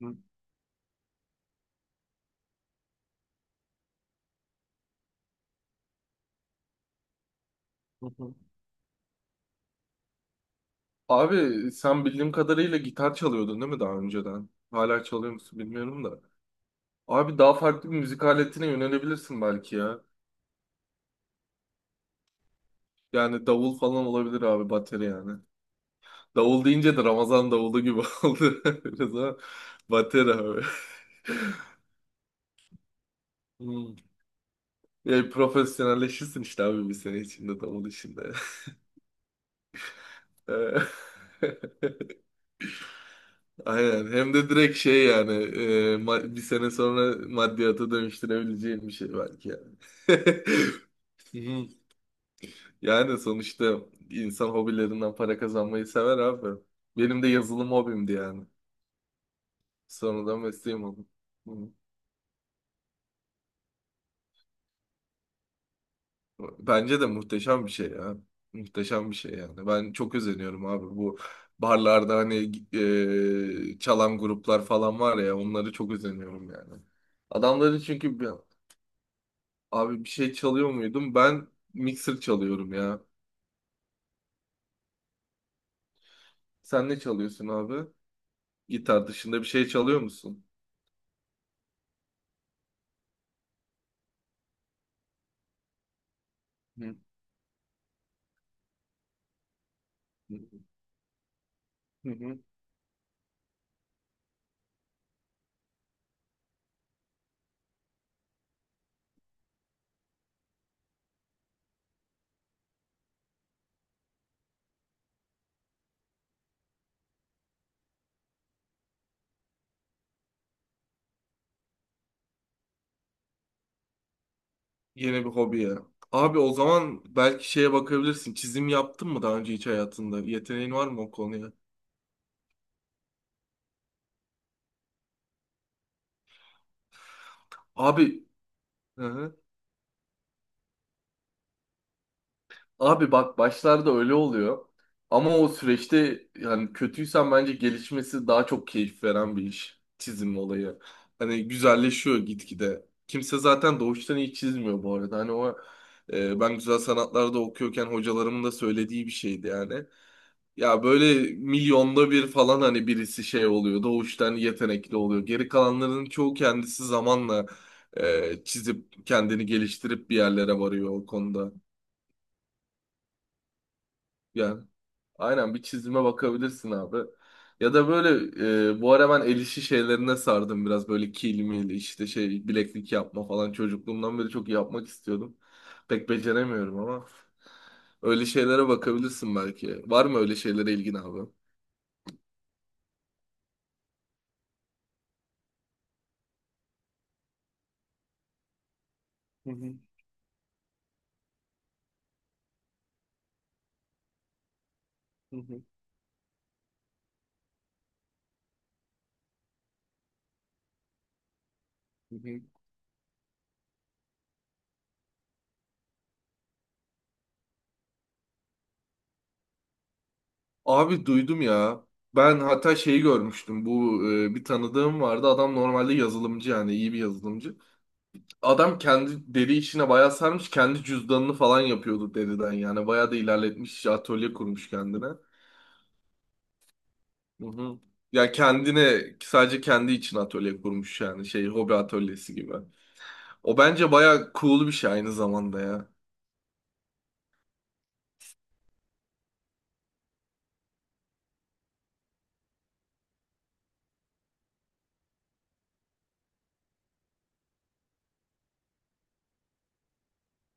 Hı hı hı. Abi sen bildiğim kadarıyla gitar çalıyordun değil mi daha önceden? Hala çalıyor musun bilmiyorum da. Abi daha farklı bir müzik aletine yönelebilirsin belki ya. Yani davul falan olabilir abi bateri yani. Davul deyince de Ramazan davulu gibi oldu. Biraz ama bateri abi. Hmm. Yani profesyonelleşirsin işte abi bir sene içinde davul işinde. E, Aynen. Hem de direkt şey yani bir sene sonra maddiyata dönüştürebileceğin bir şey belki yani. Hı. Yani sonuçta insan hobilerinden para kazanmayı sever abi. Benim de yazılım hobimdi yani. Sonradan mesleğim oldu. Hı. Bence de muhteşem bir şey ya. Muhteşem bir şey yani. Ben çok özeniyorum abi bu barlarda hani çalan gruplar falan var ya onları çok özeniyorum yani. Adamların çünkü abi bir şey çalıyor muydum? Ben mixer çalıyorum ya. Sen ne çalıyorsun abi? Gitar dışında bir şey çalıyor musun? Hı hı. Hı hı. Yeni bir hobi ya. Abi o zaman belki şeye bakabilirsin. Çizim yaptın mı daha önce hiç hayatında? Yeteneğin var mı o konuya? Abi hı hı. Abi bak başlarda öyle oluyor. Ama o süreçte yani kötüysen bence gelişmesi daha çok keyif veren bir iş. Çizim olayı. Hani güzelleşiyor gitgide. Kimse zaten doğuştan iyi çizmiyor bu arada. Hani ben güzel sanatlarda okuyorken hocalarımın da söylediği bir şeydi yani. Ya böyle milyonda bir falan hani birisi şey oluyor. Doğuştan yetenekli oluyor. Geri kalanların çoğu kendisi zamanla çizip kendini geliştirip bir yerlere varıyor o konuda. Yani aynen bir çizime bakabilirsin abi. Ya da böyle bu ara ben el işi şeylerine sardım biraz böyle kil mil işte şey bileklik yapma falan çocukluğumdan beri çok yapmak istiyordum. Pek beceremiyorum ama öyle şeylere bakabilirsin belki. Var mı öyle şeylere ilgin abi? Hı hı, hı hı, hı hı. Abi duydum ya. Ben hatta şeyi görmüştüm. Bu bir tanıdığım vardı. Adam normalde yazılımcı yani iyi bir yazılımcı. Adam kendi deri işine bayağı sarmış. Kendi cüzdanını falan yapıyordu deriden yani. Bayağı da ilerletmiş. Atölye kurmuş kendine. Hı hı. Ya kendine sadece kendi için atölye kurmuş yani. Şey hobi atölyesi gibi. O bence bayağı cool bir şey aynı zamanda ya.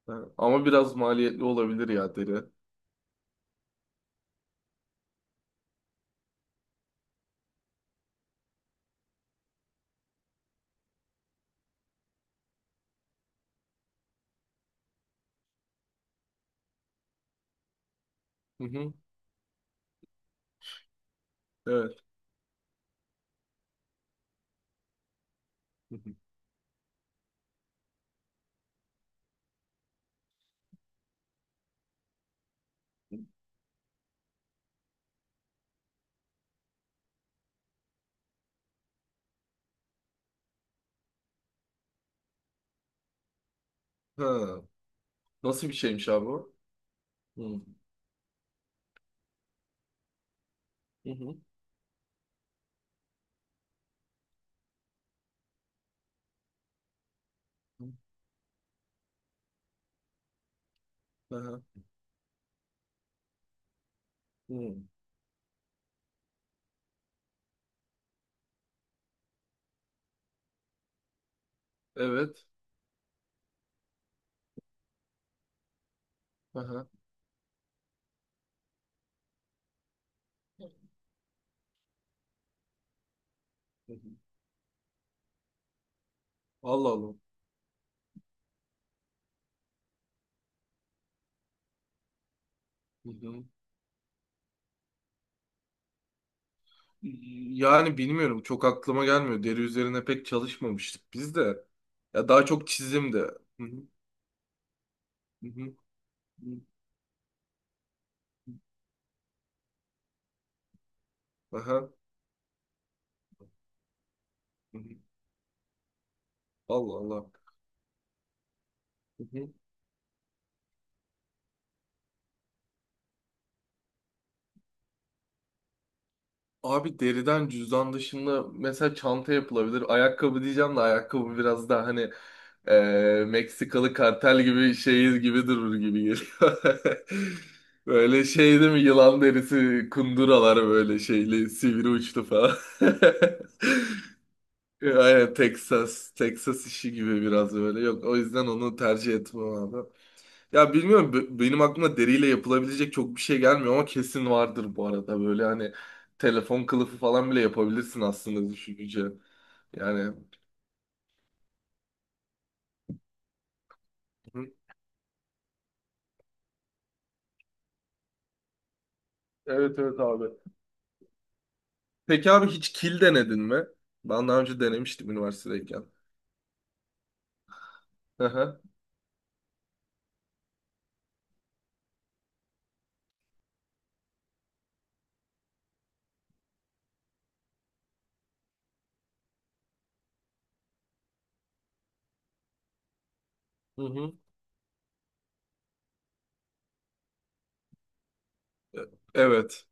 Ha, ama biraz maliyetli olabilir ya deri. Hı hı. Evet. Hı hı. Ha. Nasıl bir şeymiş abi o? Hı hı. Hı. Aha. Hı. Evet. Aha. Hı hı. Allah Allah. Hı hı. Yani bilmiyorum çok aklıma gelmiyor. Deri üzerine pek çalışmamıştık biz de. Ya daha çok çizimdi. Hı hı, hı hı, hı. Aha, hı hı. Allah Allah. Hı hı. Abi deriden cüzdan dışında mesela çanta yapılabilir. Ayakkabı diyeceğim de ayakkabı biraz daha hani Meksikalı kartel gibi şey gibi durur gibi geliyor. Böyle şey değil mi? Yılan derisi kunduralar böyle şeyli sivri uçlu falan. Ya, aynen Texas, Texas işi gibi biraz böyle. Yok o yüzden onu tercih etmem abi. Ya bilmiyorum benim aklıma deriyle yapılabilecek çok bir şey gelmiyor ama kesin vardır bu arada. Böyle hani telefon kılıfı falan bile yapabilirsin aslında düşününce. Yani hı, evet evet abi. Peki abi hiç kil denedin mi? Ben daha önce denemiştim üniversitedeyken. Hı hı. Hı hı. E- Evet.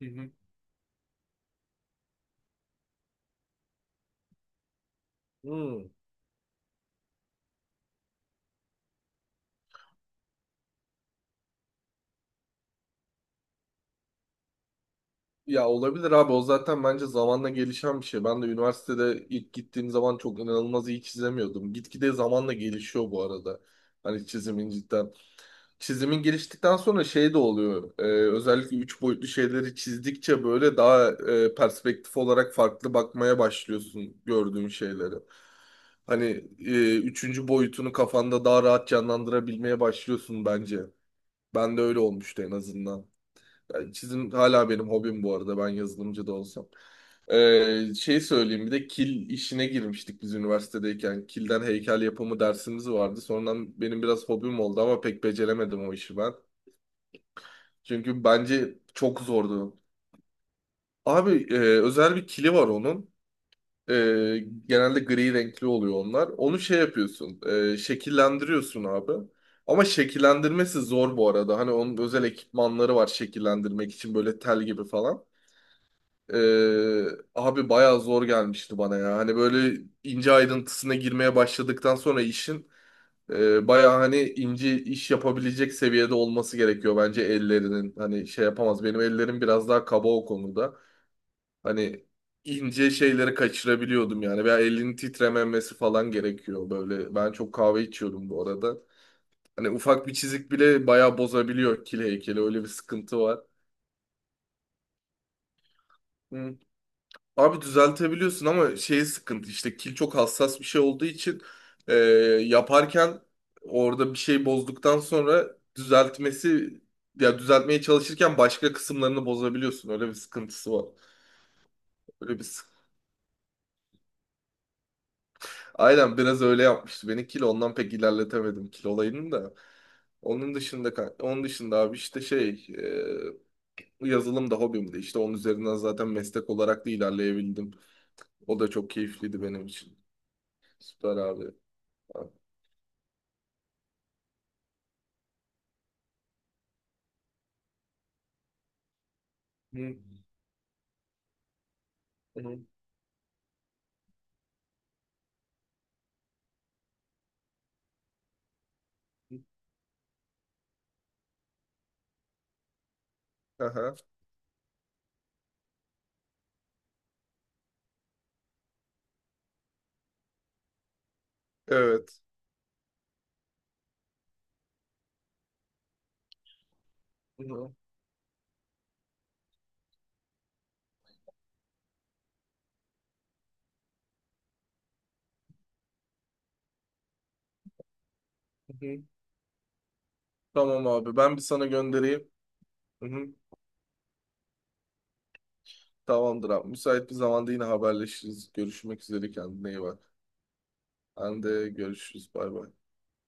Hı hı. Hı. Ya olabilir abi o zaten bence zamanla gelişen bir şey. Ben de üniversitede ilk gittiğim zaman çok inanılmaz iyi çizemiyordum. Gitgide zamanla gelişiyor bu arada. Hani çizimin cidden. Çizimin geliştikten sonra şey de oluyor. Özellikle üç boyutlu şeyleri çizdikçe böyle daha perspektif olarak farklı bakmaya başlıyorsun gördüğün şeyleri. Hani üçüncü boyutunu kafanda daha rahat canlandırabilmeye başlıyorsun bence. Ben de öyle olmuştu en azından. Yani çizim hala benim hobim bu arada ben yazılımcı da olsam. Şey söyleyeyim bir de kil işine girmiştik biz üniversitedeyken. Kilden heykel yapımı dersimiz vardı. Sonradan benim biraz hobim oldu ama pek beceremedim o işi ben. Çünkü bence çok zordu. Abi özel bir kili var onun. E, Genelde gri renkli oluyor onlar. Onu şey yapıyorsun. Şekillendiriyorsun abi. Ama şekillendirmesi zor bu arada. Hani onun özel ekipmanları var şekillendirmek için böyle tel gibi falan. Ee, Abi bayağı zor gelmişti bana ya. Hani böyle ince ayrıntısına girmeye başladıktan sonra işin bayağı hani ince iş yapabilecek seviyede olması gerekiyor bence ellerinin. Hani şey yapamaz. Benim ellerim biraz daha kaba o konuda. Hani ince şeyleri kaçırabiliyordum yani. Veya elinin titrememesi falan gerekiyor böyle. Ben çok kahve içiyorum bu arada. Hani ufak bir çizik bile bayağı bozabiliyor kil heykeli. Öyle bir sıkıntı var. Abi düzeltebiliyorsun ama şey sıkıntı işte kil çok hassas bir şey olduğu için e, yaparken orada bir şey bozduktan sonra düzeltmesi ya düzeltmeye çalışırken başka kısımlarını bozabiliyorsun. Öyle bir sıkıntısı var. Öyle bir sık- Aynen biraz öyle yapmıştı beni kil ondan pek ilerletemedim kil olayını da. Onun dışında abi işte şey yazılım da hobimdi. İşte onun üzerinden zaten meslek olarak da ilerleyebildim. O da çok keyifliydi benim için. Süper abi. Hı. Hı hı. Aha, evet. Hı hı. Hı hı. Tamam abi ben bir sana göndereyim. Hı hı. Tamamdır abi. Müsait bir zamanda yine haberleşiriz. Görüşmek üzere kendine iyi bak. Ben de görüşürüz. Bay bay.